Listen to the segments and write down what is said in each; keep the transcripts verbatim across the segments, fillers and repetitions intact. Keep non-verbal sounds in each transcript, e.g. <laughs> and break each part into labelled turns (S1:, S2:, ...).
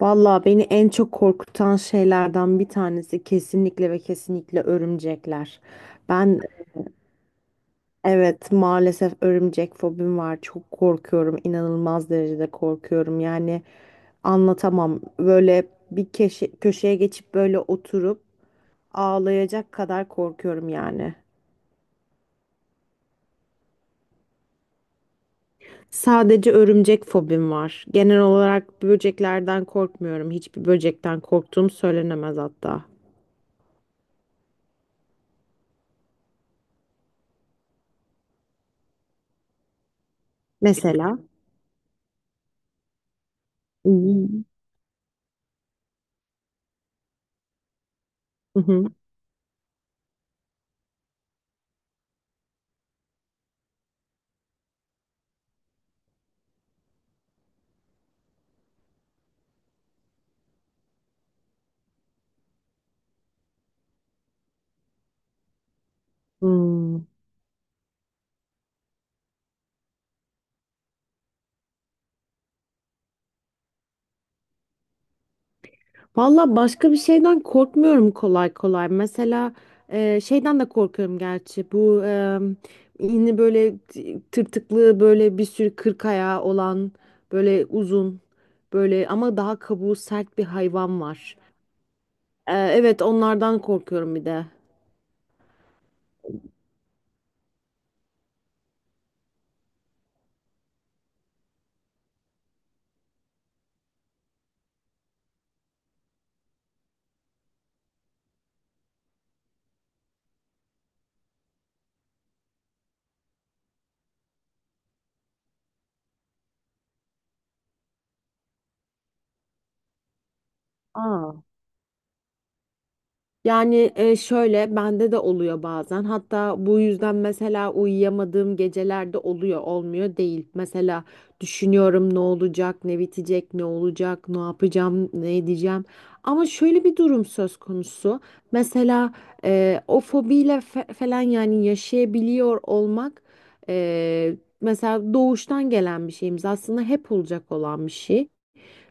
S1: Vallahi beni en çok korkutan şeylerden bir tanesi kesinlikle ve kesinlikle örümcekler. Ben, evet, maalesef örümcek fobim var. Çok korkuyorum. İnanılmaz derecede korkuyorum. Yani anlatamam. Böyle bir keşe- köşeye geçip böyle oturup ağlayacak kadar korkuyorum yani. Sadece örümcek fobim var. Genel olarak böceklerden korkmuyorum. Hiçbir böcekten korktuğum söylenemez hatta. Mesela. Hmm. Hı hı. Hmm. Valla başka bir şeyden korkmuyorum kolay kolay. Mesela e, şeyden de korkuyorum gerçi. Bu e, yine böyle t- tırtıklı böyle bir sürü kırk ayağı olan böyle uzun böyle ama daha kabuğu sert bir hayvan var. E, evet, onlardan korkuyorum bir de. Aa, yani e, şöyle bende de oluyor bazen. Hatta bu yüzden mesela uyuyamadığım gecelerde oluyor, olmuyor değil. Mesela düşünüyorum: ne olacak, ne bitecek, ne olacak, ne yapacağım, ne edeceğim. Ama şöyle bir durum söz konusu. Mesela e, o fobiyle fe- falan yani yaşayabiliyor olmak e, mesela doğuştan gelen bir şeyimiz. Aslında hep olacak olan bir şey.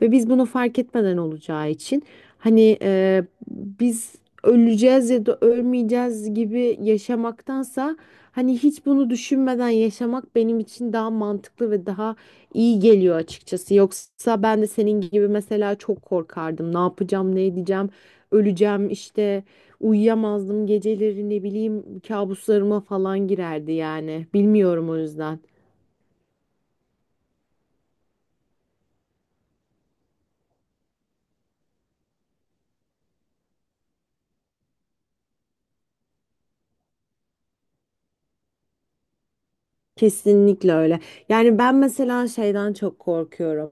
S1: Ve biz bunu fark etmeden olacağı için hani e, biz öleceğiz ya da ölmeyeceğiz gibi yaşamaktansa hani hiç bunu düşünmeden yaşamak benim için daha mantıklı ve daha iyi geliyor açıkçası. Yoksa ben de senin gibi mesela çok korkardım. Ne yapacağım, ne edeceğim, öleceğim işte, uyuyamazdım geceleri, ne bileyim, kabuslarıma falan girerdi yani. Bilmiyorum, o yüzden. Kesinlikle öyle. Yani ben mesela şeyden çok korkuyorum.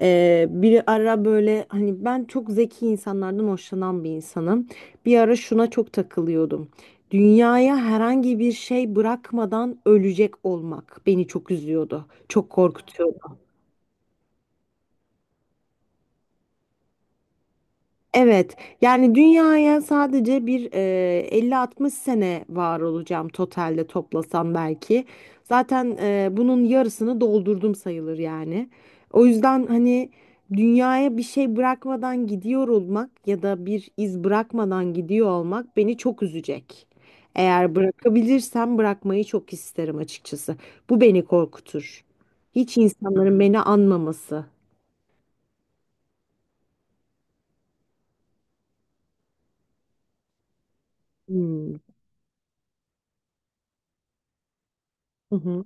S1: Ee, bir ara böyle hani ben çok zeki insanlardan hoşlanan bir insanım. Bir ara şuna çok takılıyordum. Dünyaya herhangi bir şey bırakmadan ölecek olmak beni çok üzüyordu. Çok korkutuyordu. Evet, yani dünyaya sadece bir e, elli altmış sene var olacağım totalde, toplasam belki. Zaten e, bunun yarısını doldurdum sayılır yani. O yüzden hani dünyaya bir şey bırakmadan gidiyor olmak ya da bir iz bırakmadan gidiyor olmak beni çok üzecek. Eğer bırakabilirsem bırakmayı çok isterim açıkçası. Bu beni korkutur. Hiç insanların beni anmaması. Hmm. Hı hı,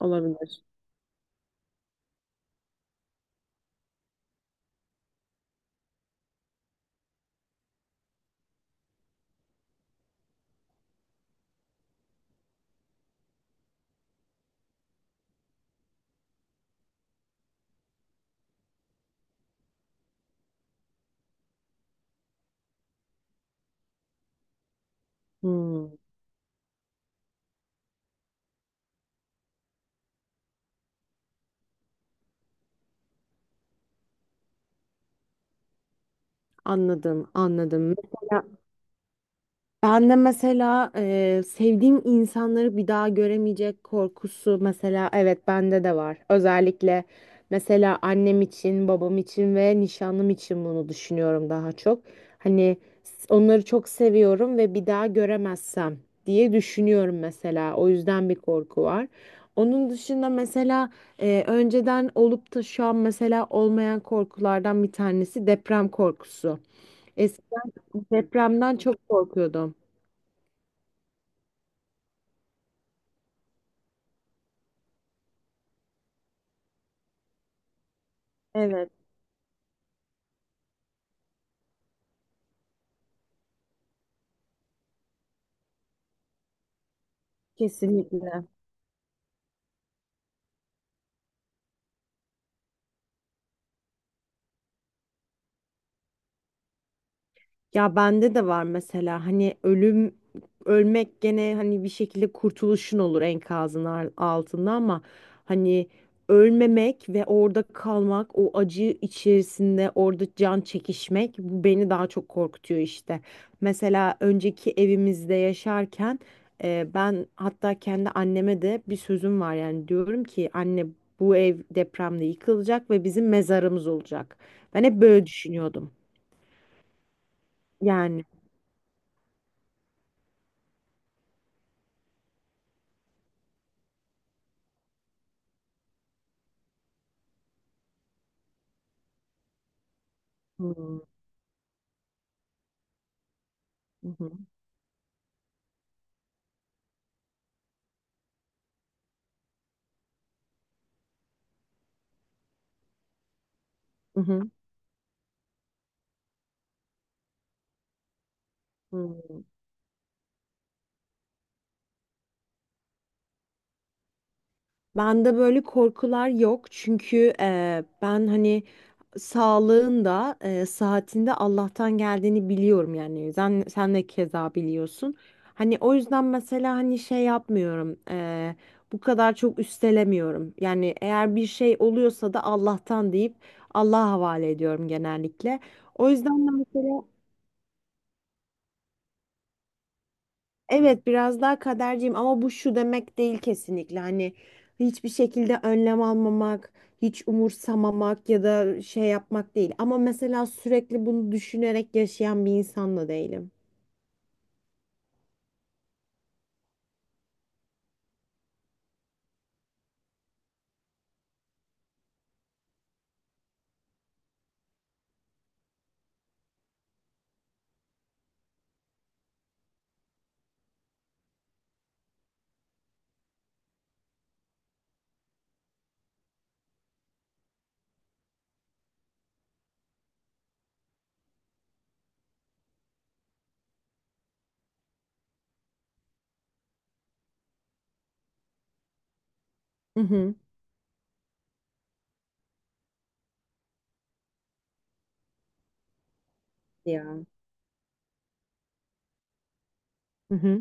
S1: olabilir. Hmm. Anladım, anladım. Mesela ben de mesela e, sevdiğim insanları bir daha göremeyecek korkusu, mesela evet, bende de var. Özellikle mesela annem için, babam için ve nişanlım için bunu düşünüyorum daha çok. Hani s- onları çok seviyorum ve bir daha göremezsem diye düşünüyorum mesela. O yüzden bir korku var. Onun dışında mesela e, önceden olup da şu an mesela olmayan korkulardan bir tanesi deprem korkusu. Depremden çok korkuyordum. Evet, kesinlikle. Ya, bende de var mesela. Hani ölüm, ölmek gene hani bir şekilde kurtuluşun olur enkazın ar- altında, ama hani ölmemek ve orada kalmak, o acı içerisinde orada can çekişmek, bu beni daha çok korkutuyor işte. Mesela önceki evimizde yaşarken e, ben hatta kendi anneme de bir sözüm var, yani diyorum ki anne, bu ev depremde yıkılacak ve bizim mezarımız olacak. Ben hep böyle düşünüyordum yani. Hmm. Hı hı. Hı hı. Hmm. Bende böyle korkular yok çünkü e, ben hani sağlığın da e, saatinde Allah'tan geldiğini biliyorum, yani sen, sen de keza biliyorsun. Hani o yüzden mesela hani şey yapmıyorum, e, bu kadar çok üstelemiyorum. Yani eğer bir şey oluyorsa da Allah'tan deyip Allah'a havale ediyorum genellikle. O yüzden de mesela, evet, biraz daha kaderciyim ama bu şu demek değil kesinlikle, hani hiçbir şekilde önlem almamak, hiç umursamamak ya da şey yapmak değil. Ama mesela sürekli bunu düşünerek yaşayan bir insan da değilim. Hı hı. Ya. Hı hı.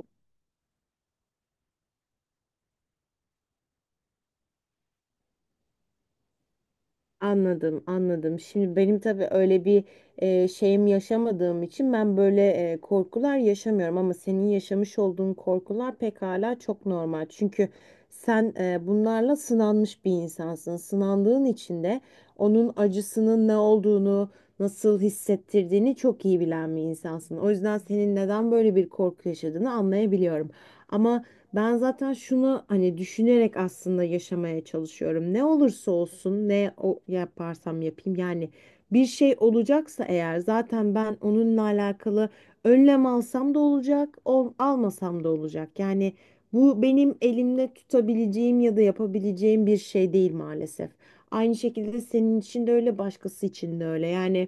S1: Anladım, anladım. Şimdi benim tabii öyle bir e, şeyim yaşamadığım için ben böyle e, korkular yaşamıyorum, ama senin yaşamış olduğun korkular pekala çok normal. Çünkü sen e, bunlarla sınanmış bir insansın. Sınandığın için de onun acısının ne olduğunu, nasıl hissettirdiğini çok iyi bilen bir insansın. O yüzden senin neden böyle bir korku yaşadığını anlayabiliyorum. Ama ben zaten şunu hani düşünerek aslında yaşamaya çalışıyorum. Ne olursa olsun, ne o yaparsam yapayım, yani bir şey olacaksa eğer zaten ben onunla alakalı önlem alsam da olacak, ol- almasam da olacak. Yani bu benim elimle tutabileceğim ya da yapabileceğim bir şey değil maalesef. Aynı şekilde senin için de öyle, başkası için de öyle. Yani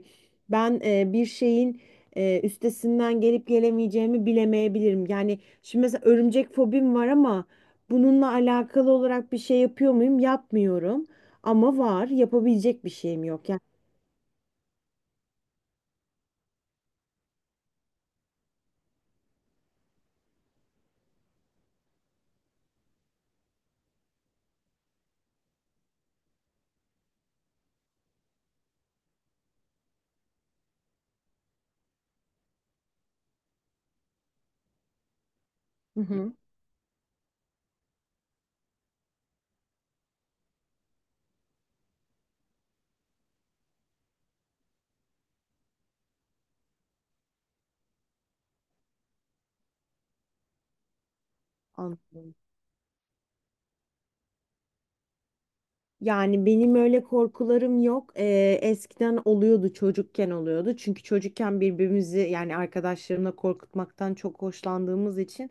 S1: ben e, bir şeyin e, üstesinden gelip gelemeyeceğimi bilemeyebilirim. Yani, şimdi mesela örümcek fobim var ama bununla alakalı olarak bir şey yapıyor muyum? Yapmıyorum. Ama var. Yapabilecek bir şeyim yok. Yani. Hı hı. Anladım. Yani benim öyle korkularım yok. Ee, eskiden oluyordu, çocukken oluyordu. Çünkü çocukken birbirimizi, yani arkadaşlarımla korkutmaktan çok hoşlandığımız için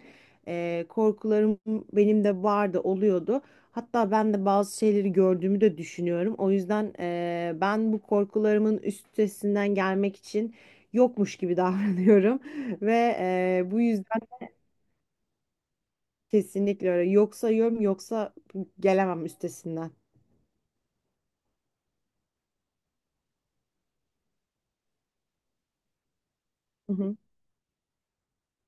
S1: e, korkularım benim de vardı, oluyordu. Hatta ben de bazı şeyleri gördüğümü de düşünüyorum. O yüzden e, ben bu korkularımın üstesinden gelmek için yokmuş gibi davranıyorum <laughs> ve e, bu yüzden kesinlikle öyle. Yok sayıyorum, yoksa gelemem üstesinden.